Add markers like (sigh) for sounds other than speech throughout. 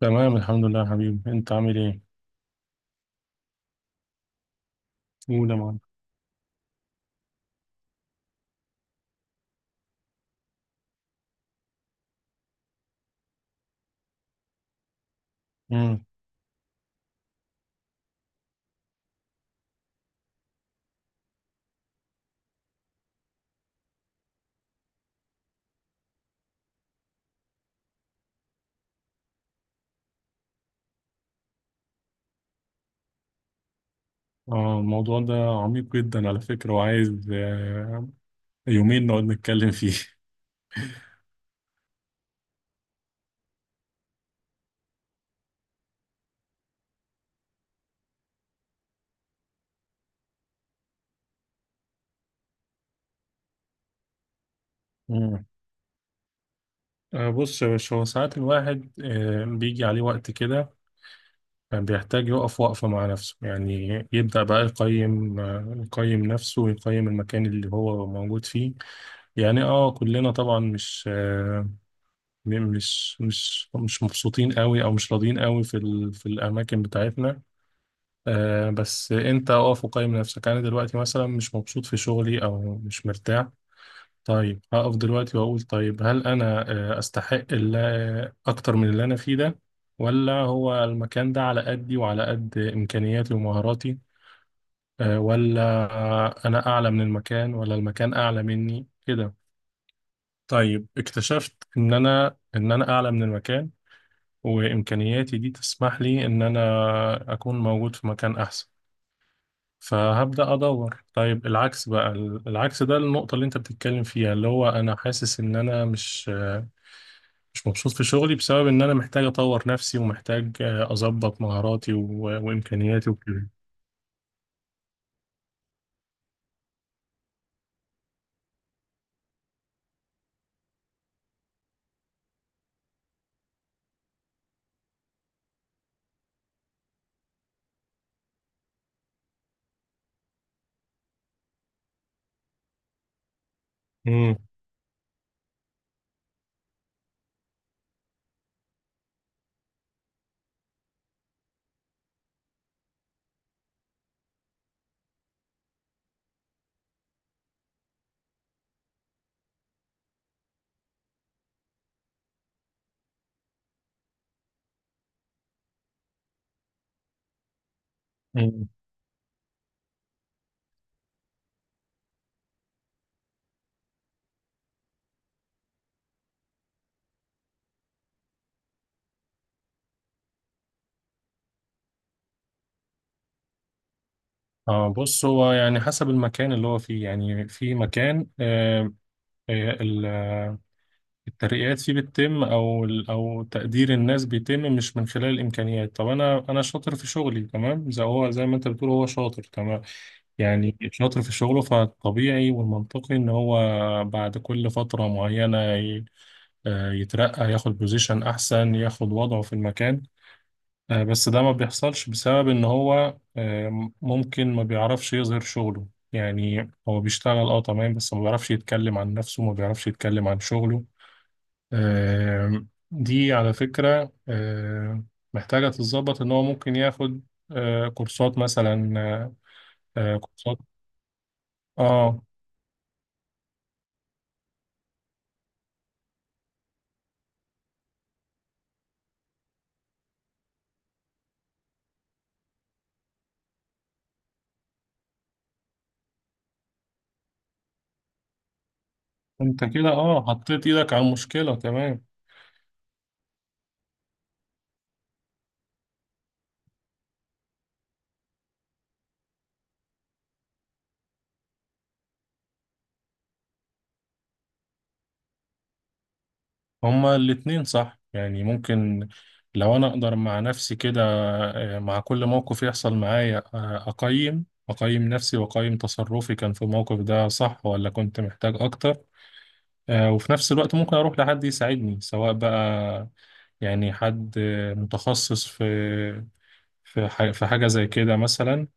تمام، الحمد لله يا حبيبي. انت عامل ايه؟ قول يا معلم. امم. اه، الموضوع ده عميق جدا على فكرة، وعايز يومين نقعد نتكلم فيه. (laughs) امم. بص يا باشا، هو ساعات الواحد بيجي عليه وقت كده بيحتاج يقف وقفة مع نفسه. يعني يبدأ بقى يقيم نفسه ويقيم المكان اللي هو موجود فيه. يعني كلنا طبعا مش مش مبسوطين قوي او مش راضيين قوي في الاماكن بتاعتنا. بس انت اقف وقيم نفسك. انا دلوقتي مثلا مش مبسوط في شغلي او مش مرتاح. طيب، هقف دلوقتي واقول طيب، هل انا استحق اللي اكتر من اللي انا فيه ده، ولا هو المكان ده على قدي وعلى قد امكانياتي ومهاراتي؟ آه ولا آه، انا اعلى من المكان ولا المكان اعلى مني كده؟ طيب، اكتشفت ان انا اعلى من المكان، وامكانياتي دي تسمح لي ان انا اكون موجود في مكان احسن. فهبدأ أدور. طيب، العكس بقى، العكس ده النقطة اللي أنت بتتكلم فيها، اللي هو أنا حاسس إن أنا مش مبسوط في شغلي بسبب إن أنا محتاج أطور نفسي، ومحتاج أظبط مهاراتي وإمكانياتي وكده. امم. امم. اه، بص، هو يعني حسب المكان اللي هو فيه. يعني في مكان آه، ال- آه، الترقيات فيه بتتم او تقدير الناس بيتم مش من خلال الامكانيات. طب انا شاطر في شغلي تمام، زي هو، زي ما انت بتقول هو شاطر تمام. يعني شاطر في شغله، فالطبيعي والمنطقي إن هو بعد كل فترة معينة يترقى، ياخد بوزيشن أحسن، ياخد وضعه في المكان. بس ده ما بيحصلش بسبب إن هو ممكن ما بيعرفش يظهر شغله. يعني هو بيشتغل تمام، بس ما بيعرفش يتكلم عن نفسه، ما بيعرفش يتكلم عن شغله. آه، دي على فكرة محتاجة تتظبط. إن هو ممكن ياخد كورسات مثلا، كورسات. اه، انت كده حطيت ايدك على المشكلة تمام. هما الاتنين صح، يعني ممكن لو انا اقدر مع نفسي كده مع كل موقف يحصل معايا اقيم نفسي، واقيم تصرفي كان في الموقف ده صح ولا كنت محتاج اكتر. وفي نفس الوقت ممكن اروح لحد يساعدني، سواء بقى يعني حد متخصص في في حاجة زي كده مثلا،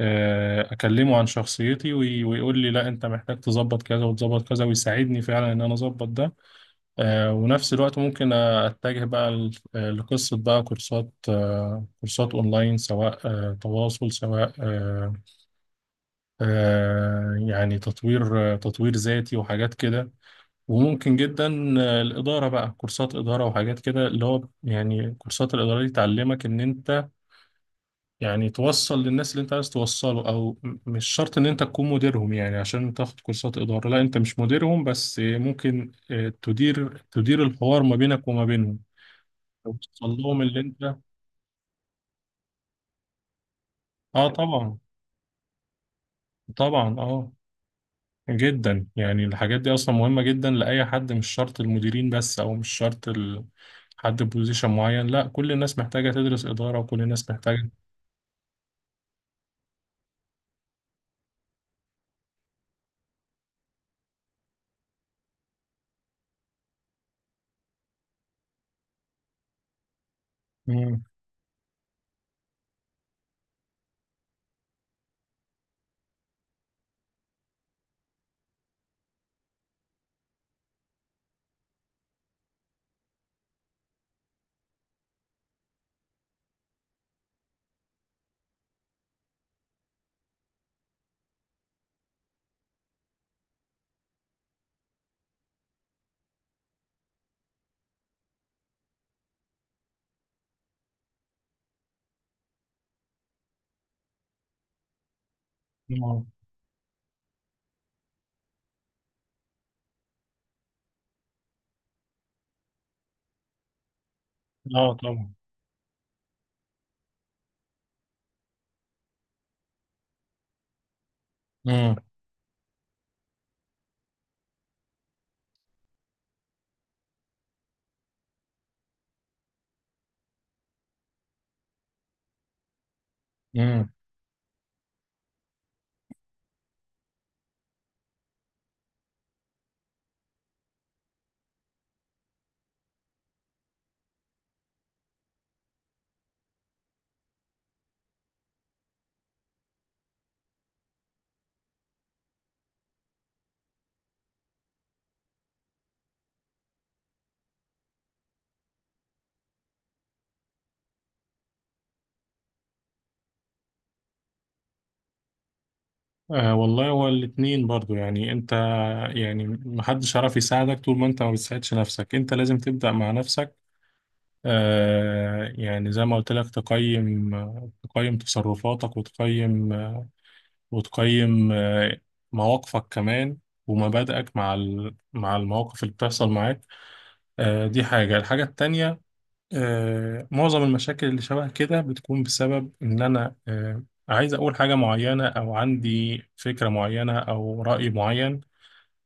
اكلمه عن شخصيتي ويقول لي لا انت محتاج تظبط كذا وتظبط كذا، ويساعدني فعلا ان انا اظبط ده. ونفس الوقت ممكن اتجه بقى لقصة بقى كورسات، كورسات اونلاين، سواء تواصل، سواء يعني تطوير ذاتي وحاجات كده. وممكن جدا الإدارة، بقى كورسات إدارة وحاجات كده، اللي هو يعني كورسات الإدارة دي تعلمك إن أنت يعني توصل للناس اللي انت عايز توصله، مش شرط ان انت تكون مديرهم. يعني عشان تاخد كورسات اداره، لا، انت مش مديرهم، بس ممكن تدير الحوار ما بينك وما بينهم، توصل لهم اللي انت... اه طبعا. طبعا، اه جدا. يعني الحاجات دي اصلا مهمه جدا لاي حد، مش شرط المديرين بس، او مش شرط حد بوزيشن معين. لا، كل الناس محتاجه تدرس اداره، وكل الناس محتاجه. مم. اه. آه، طبعا. مم. مم. آه والله، هو الاثنين برضو. يعني انت، يعني محدش عارف يساعدك طول ما انت ما بتساعدش نفسك. انت لازم تبدأ مع نفسك. يعني زي ما قلت لك، تقيم تصرفاتك، وتقيم مواقفك كمان، ومبادئك مع المواقف اللي بتحصل معاك. دي حاجة. الحاجة التانية، معظم المشاكل اللي شبه كده بتكون بسبب ان انا عايز اقول حاجة معينة او عندي فكرة معينة او رأي معين،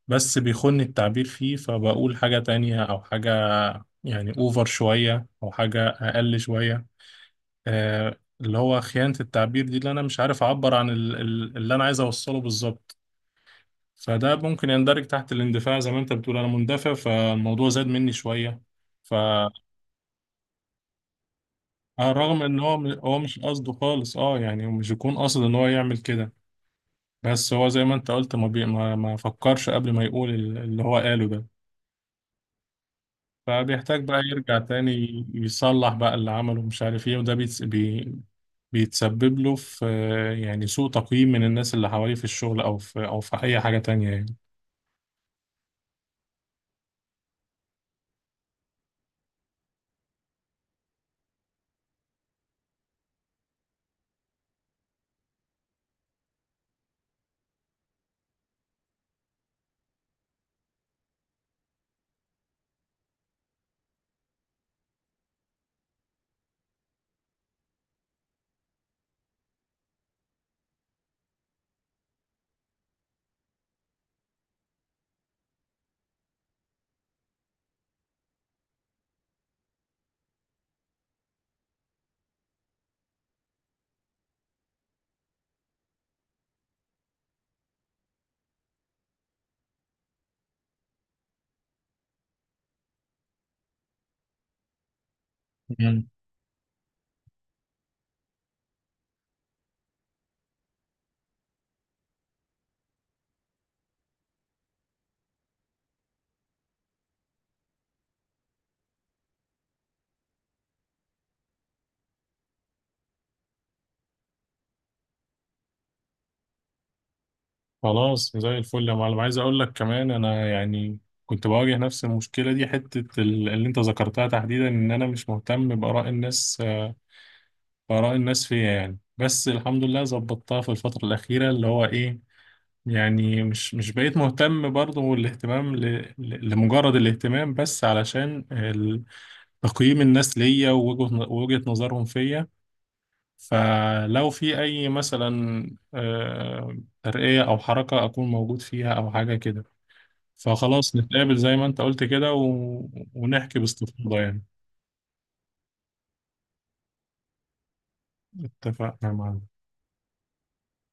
بس بيخن التعبير فيه، فبقول حاجة تانية أو حاجة يعني أوفر شوية أو حاجة أقل شوية. اللي هو خيانة التعبير دي، اللي أنا مش عارف أعبر عن اللي أنا عايز أوصله بالظبط. فده ممكن يندرج تحت الاندفاع. زي ما أنت بتقول أنا مندفع، فالموضوع زاد مني شوية. فرغم إن هو هو مش قصده خالص. يعني مش يكون قاصد إن هو يعمل كده، بس هو زي ما أنت قلت، ما فكرش قبل ما يقول اللي هو قاله ده. فبيحتاج بقى يرجع تاني يصلح بقى اللي عمله، مش عارف ايه. وده بيتسبب له في يعني سوء تقييم من الناس اللي حواليه، في الشغل او في اي حاجة تانية يعني. مم. خلاص، زي الفل يا معلم. عايز اقول لك كمان، انا يعني كنت بواجه نفس المشكلة دي، حتة اللي انت ذكرتها تحديدا، ان انا مش مهتم بآراء الناس بآراء الناس فيا يعني. بس الحمد لله ظبطتها في الفترة الأخيرة، اللي هو ايه، يعني مش بقيت مهتم برضه الاهتمام لمجرد الاهتمام، بس علشان تقييم الناس ليا ووجهة نظرهم فيا. فلو في أي مثلا آه، ترقية أو حركة أكون موجود فيها أو حاجة كده. فخلاص، نتقابل زي ما أنت قلت كده ونحكي باستفاضة يعني. اتفقنا معنا.